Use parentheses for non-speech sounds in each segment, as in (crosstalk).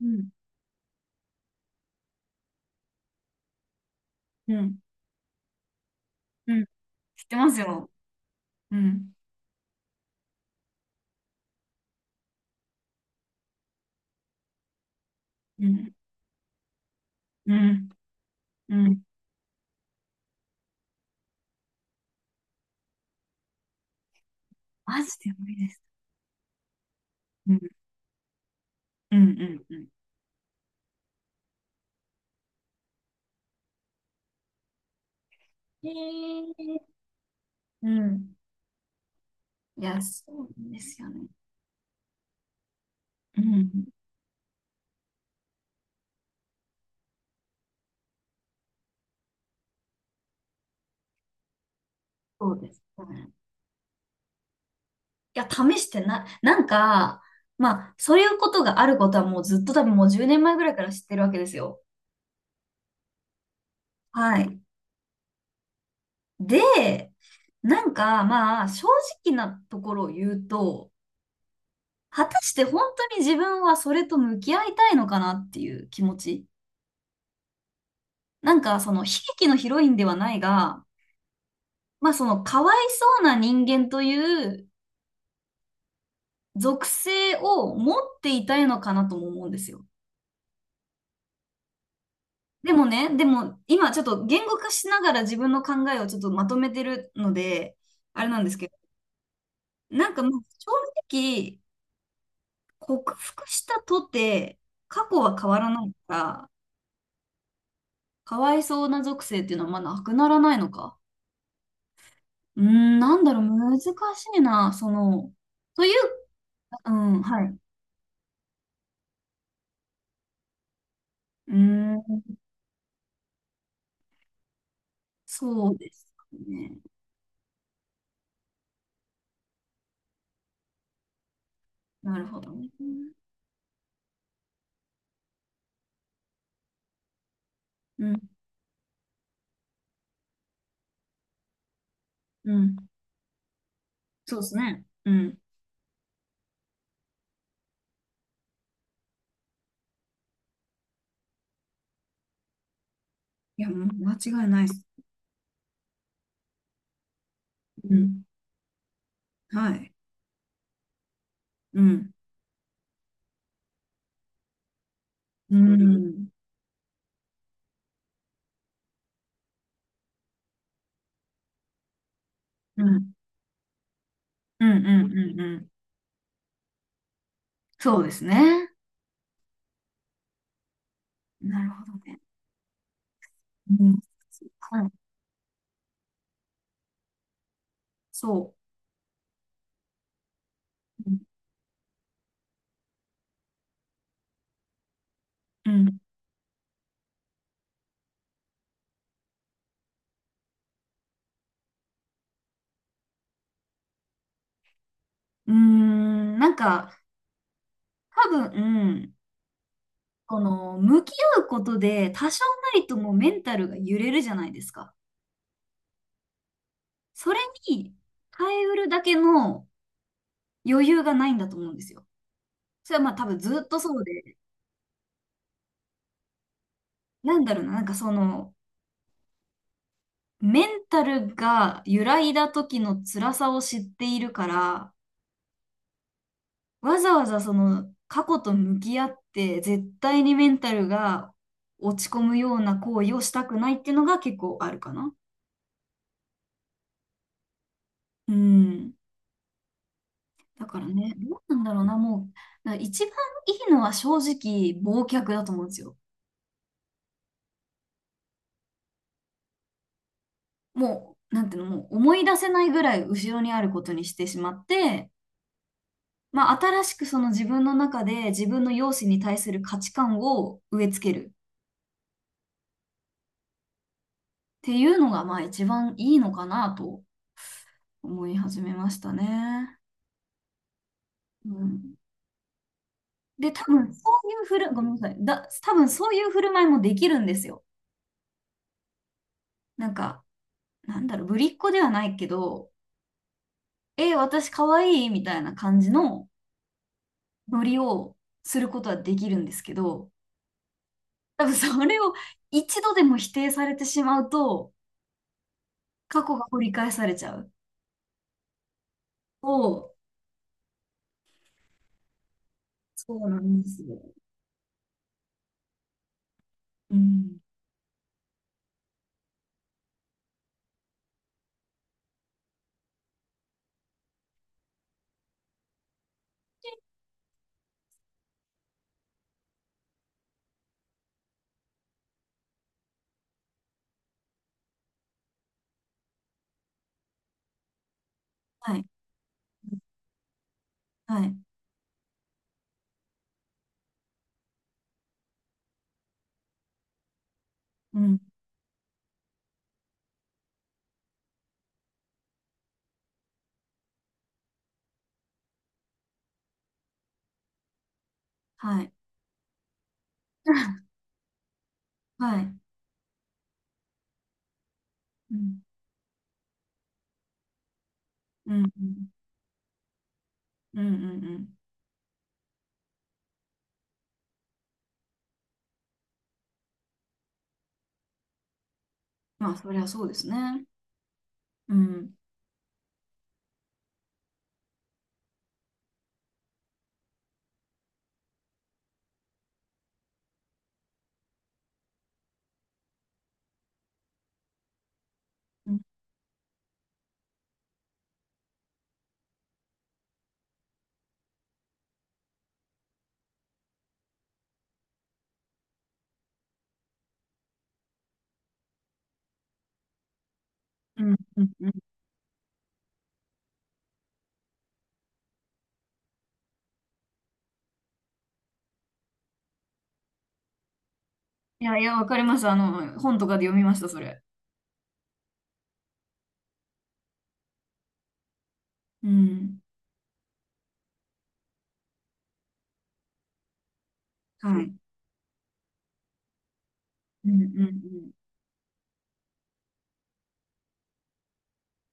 うん、うん、うん。知ってますよ。うん、うん、うん、うん。マジで無理です。うん、うん、うん、うん。へえ。うん。いや、そうなんですよね。うん、そうですね。いや、試してな、なんか、まあ、そういうことがあることはもうずっと多分もう10年前ぐらいから知ってるわけですよ。はい。で、なんか、まあ、正直なところを言うと、果たして本当に自分はそれと向き合いたいのかなっていう気持ち。なんかその悲劇のヒロインではないが、まあそのかわいそうな人間という属性を持っていたいのかなとも思うんですよ。でもね、でも今ちょっと言語化しながら自分の考えをちょっとまとめてるので、あれなんですけど、なんかまあ正直克服したとて過去は変わらないから、かわいそうな属性っていうのはまあなくならないのか。うーん、なんだろう、難しいな、その、という、うん、はい。うーん。そうですね。なるほどね。うん、うん。そうですね。うん。いや、もう間違いないです。うん。はい。うん。うん。うん。うん。うん。うんうん。そうですね。なるほどね。うん。はい。そう。うん。うん。うーんなんか、多分、この、向き合うことで、多少なりともメンタルが揺れるじゃないですか。それに、耐えうるだけの余裕がないんだと思うんですよ。それはまあ多分ずっとそうで、なんだろうな、なんかその、メンタルが揺らいだ時の辛さを知っているから、わざわざその過去と向き合って、絶対にメンタルが落ち込むような行為をしたくないっていうのが結構あるかな。うん。だからね、どうなんだろうな、もう、だから一番いいのは正直、忘却だと思うんですよ。もう、なんていうの、もう思い出せないぐらい後ろにあることにしてしまって、まあ、新しくその自分の中で自分の容姿に対する価値観を植え付けるっていうのがまあ一番いいのかなと思い始めましたね。うん、で、多分そういうふる、ごめんなさい。だ、多分そういう振る舞いもできるんですよ。なんか、なんだろう、ぶりっ子ではないけど、え、私可愛いいみたいな感じのノリをすることはできるんですけど、多分それを一度でも否定されてしまうと、過去が掘り返されちゃう。をそうなんですよ。うん。はい。はい。うん。はい。(laughs) はい。うん。うん。うん。うん。うんうんまあ、そりゃそうですね。うん。うん。うん。うんうんいや、いや、わかります。あの、本とかで読みました、それ。うん。はい。うん。うん。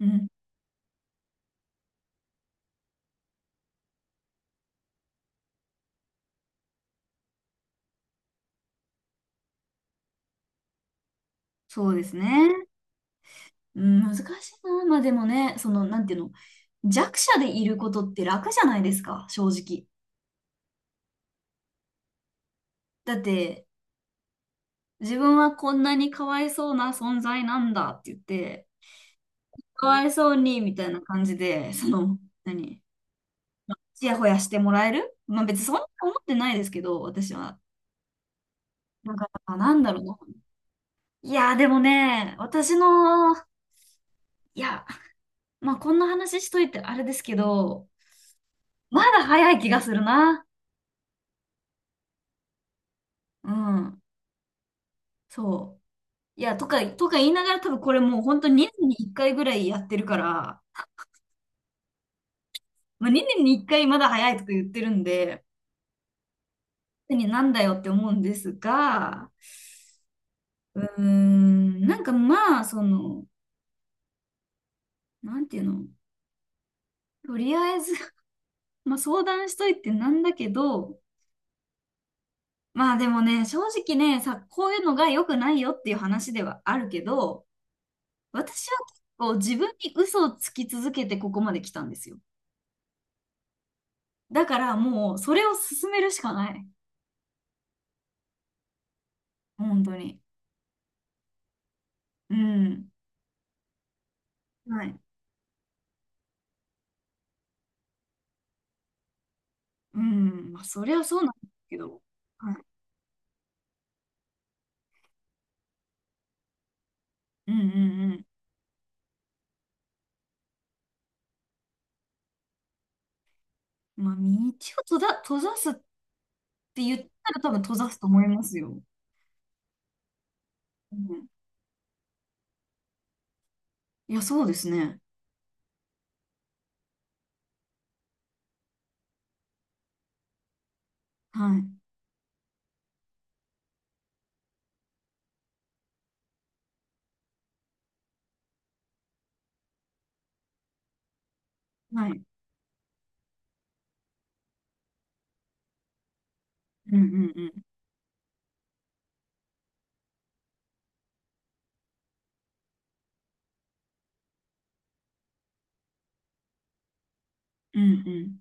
うん。うんそうですね。うん、難しいな。まあ、でもね、その、なんていうの、弱者でいることって楽じゃないですか、正直。だって、自分はこんなにかわいそうな存在なんだって言って、かわいそうに、みたいな感じで、その、何、ちやほやしてもらえるまあ別にそんな思ってないですけど、私は。なんか、なんだろうな。いやー、でもね、私の、いや、まあこんな話しといてあれですけど、まだ早い気がするな。うん、そう。いや、とか、とか言いながら多分これもう本当に2年に1回ぐらいやってるから、まあ、2年に1回まだ早いとか言ってるんで、何なんだよって思うんですが、うーん、なんかまあ、その、なんていうのとりあえず (laughs) まあ相談しといてなんだけど、まあでもね、正直ね、さ、こういうのが良くないよっていう話ではあるけど、私は結構自分に嘘をつき続けてここまで来たんですよ。だからもうそれを進めるしかない。本当に。うん。はい。うん。まあそりゃそうなんですけど。はい。うんうんうん。まあ道を閉ざ、閉ざすって言ったら多分閉ざすと思いますよ。うん。いや、そうですね。はい。はい。うんうんうん。うんうん。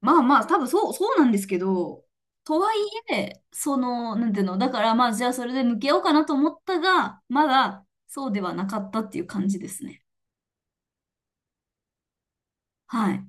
まあまあ、多分そう、そうなんですけど、とはいえ、その、なんていうの、だからまあ、じゃあそれで向き合おうかなと思ったが、まだそうではなかったっていう感じですね。はい。